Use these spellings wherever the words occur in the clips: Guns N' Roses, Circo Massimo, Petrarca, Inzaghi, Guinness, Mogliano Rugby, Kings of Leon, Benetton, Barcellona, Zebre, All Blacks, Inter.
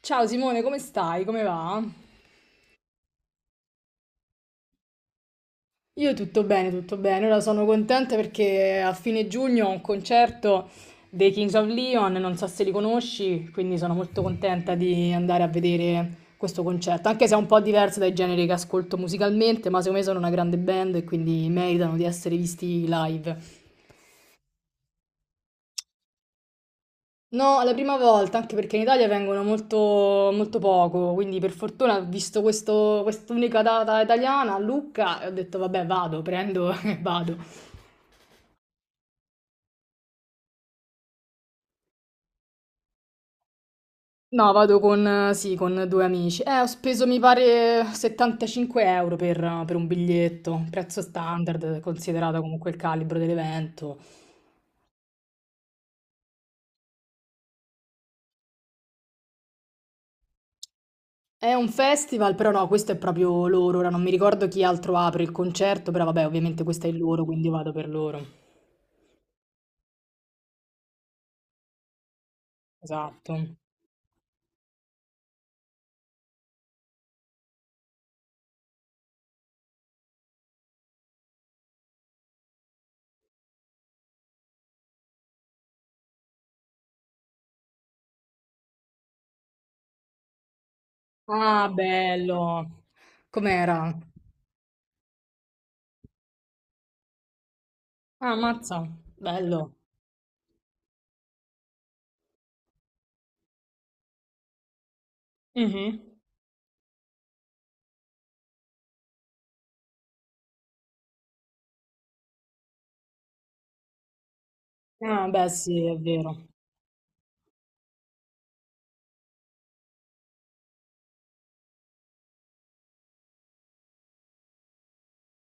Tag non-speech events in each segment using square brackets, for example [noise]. Ciao Simone, come stai? Come va? Io tutto bene, tutto bene. Ora sono contenta perché a fine giugno ho un concerto dei Kings of Leon, non so se li conosci, quindi sono molto contenta di andare a vedere questo concerto, anche se è un po' diverso dai generi che ascolto musicalmente, ma secondo me sono una grande band e quindi meritano di essere visti live. No, la prima volta, anche perché in Italia vengono molto, molto poco, quindi per fortuna ho visto questo, quest'unica data italiana a Lucca e ho detto vabbè vado, prendo [laughs] e vado. No, vado con, sì, con due amici. Ho speso mi pare 75 euro per un biglietto, prezzo standard, considerato comunque il calibro dell'evento. È un festival, però no, questo è proprio loro, ora non mi ricordo chi altro apre il concerto, però vabbè ovviamente questo è il loro, quindi vado per loro. Esatto. Ah, bello. Com'era? Ah, mazza, bello. Mhm. Ah, beh, sì, è vero.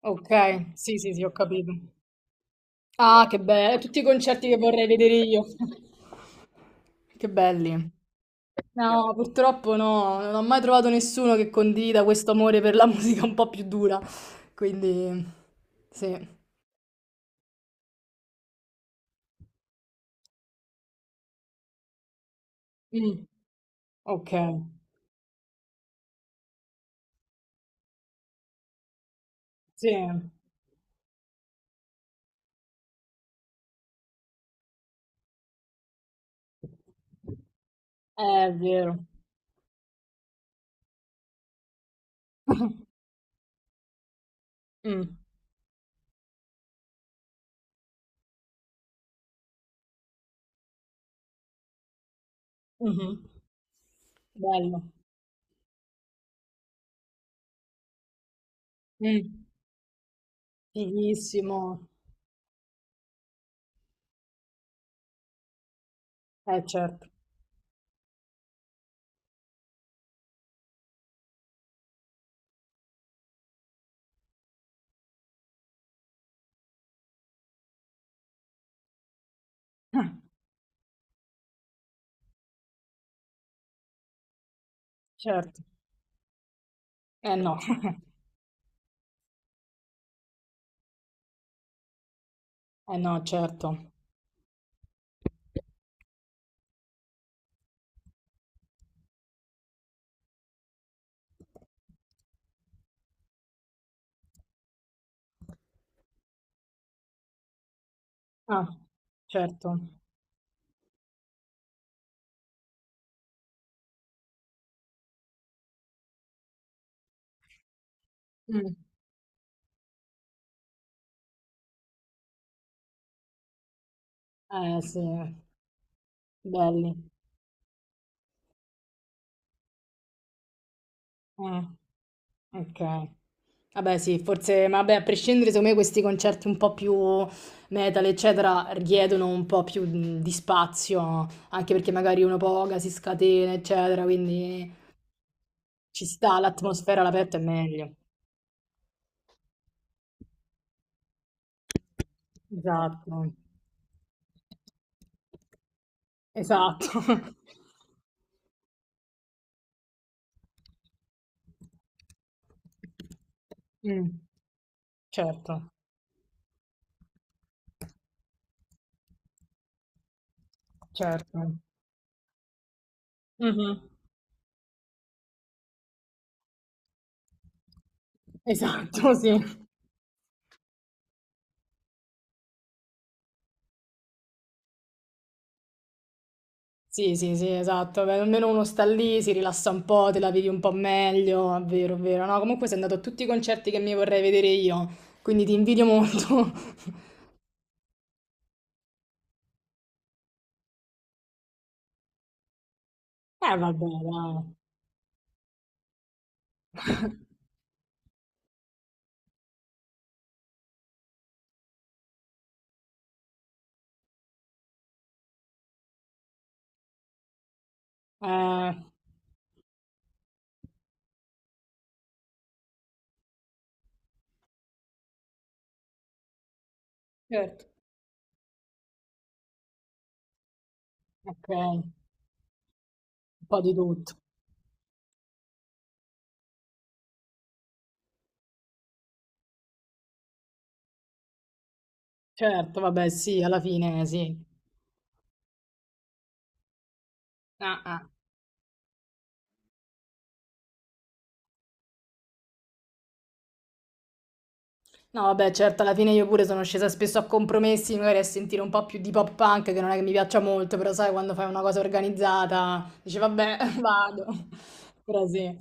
Ok, sì, sì, sì, ho capito. Ah, che bello, tutti i concerti che vorrei vedere io. [laughs] Che belli. No, purtroppo no, non ho mai trovato nessuno che condivida questo amore per la [laughs] musica un po' più dura. Quindi, sì. Mm, ok, sì, è vero. [laughs] Mm, mhm. Bello. Mm. Fighissimo. Certo. Ah, certo. Eh no, eh no, certo. Ah, certo. Mm. Eh sì, belli. Mm, ok. Vabbè sì, forse, ma vabbè, a prescindere, secondo me questi concerti un po' più metal, eccetera, richiedono un po' più di spazio, anche perché magari uno poga si scatena, eccetera, quindi ci sta, l'atmosfera all'aperto è meglio. Esatto, esatto. [laughs] Mh, certo, certo. Mh-mh. Esatto, sì. Sì, sì, sì, esatto. Beh, almeno uno sta lì, si rilassa un po', te la vivi un po' meglio. È vero, è vero. No, comunque sei andato a tutti i concerti che mi vorrei vedere io, quindi ti invidio molto. [laughs] Vabbè, dai. [laughs] Eh, certo. Okay, un po' di tutto. Certo, vabbè, sì, alla fine sì. Ah, ah. No, vabbè, certo, alla fine io pure sono scesa spesso a compromessi, magari a sentire un po' più di pop punk, che non è che mi piaccia molto, però sai, quando fai una cosa organizzata, dici, vabbè, [laughs] vado. Però sì.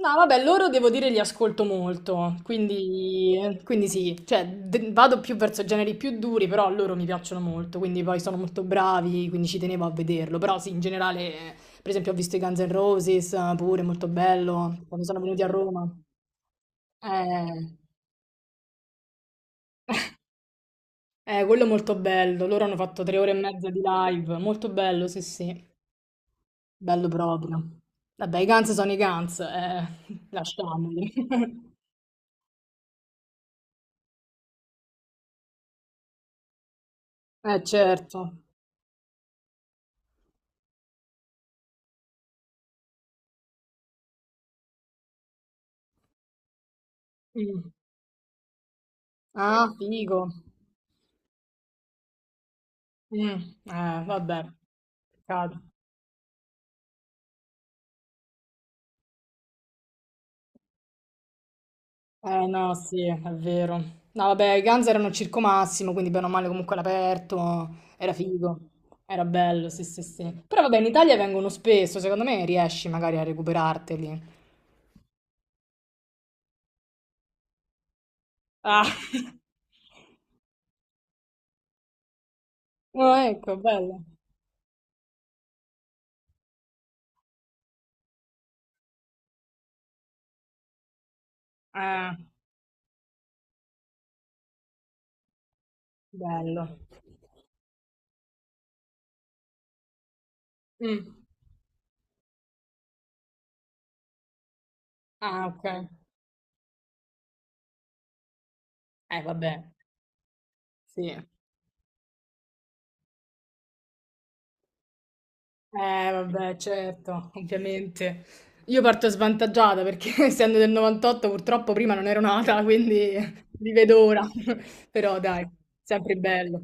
No, vabbè, loro devo dire li ascolto molto, quindi, quindi sì, cioè de- vado più verso generi più duri, però loro mi piacciono molto, quindi poi sono molto bravi, quindi ci tenevo a vederlo, però sì, in generale, per esempio ho visto i Guns N' Roses, pure molto bello, quando sono venuti a Roma. Eh, Eh, quello è molto bello. Loro hanno fatto 3 ore e mezza di live. Molto bello, sì, sì. Bello proprio. Vabbè, i Guns sono i Guns, eh. [laughs] Lasciamoli. [laughs] Certo. Mm. Ah, figo. Mm. Vabbè. Peccato. No, sì, è vero. No, vabbè, i Guns erano al Circo Massimo, quindi bene o male comunque all'aperto. Era figo. Era bello, sì, sì, sì. Però vabbè, in Italia vengono spesso, secondo me riesci magari a recuperarteli. Ah. [laughs] Oh, ecco, bello. Ah, bello. Mm. Ah, ok. Vabbè, sì. Vabbè, certo, ovviamente. Io parto svantaggiata perché [laughs] essendo del 98 purtroppo prima non ero nata, quindi li vedo ora. [laughs] Però dai, sempre bello.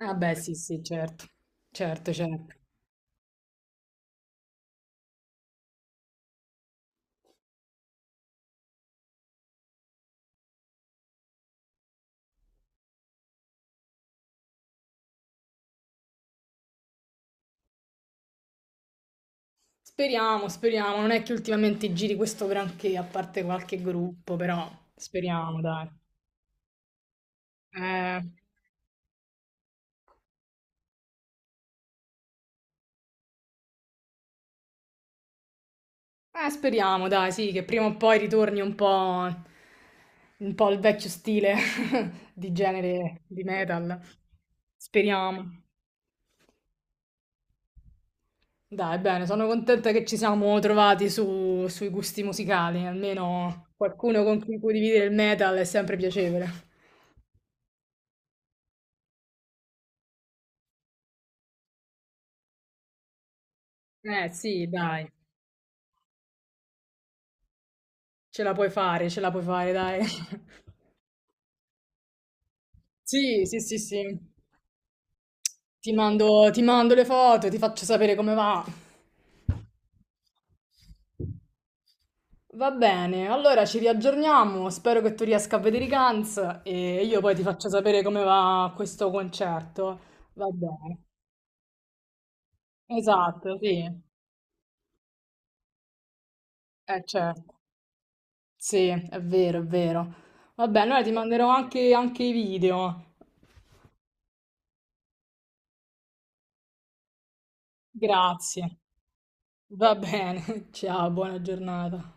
Ah beh, sì, sì, certo. Certo, certo. Speriamo, speriamo. Non è che ultimamente giri questo granché, a parte qualche gruppo, però speriamo, dai. Eh... speriamo, dai, sì, che prima o poi ritorni un po' il vecchio stile [laughs] di genere di metal. Speriamo. Dai, bene, sono contenta che ci siamo trovati su- sui gusti musicali, almeno qualcuno con cui condividere il metal è sempre piacevole. Sì, dai, ce la puoi fare, ce la puoi fare, dai. [laughs] Sì, sì, sì, sì. Ti mando le foto, ti faccio sapere come va. Va bene, allora ci riaggiorniamo, spero che tu riesca a vedere i Guns e io poi ti faccio sapere come va questo concerto. Va bene, esatto, sì, eh certo, sì, è vero, è vero. Va bene, allora ti manderò anche i video. Grazie, va bene, [laughs] ciao, buona giornata.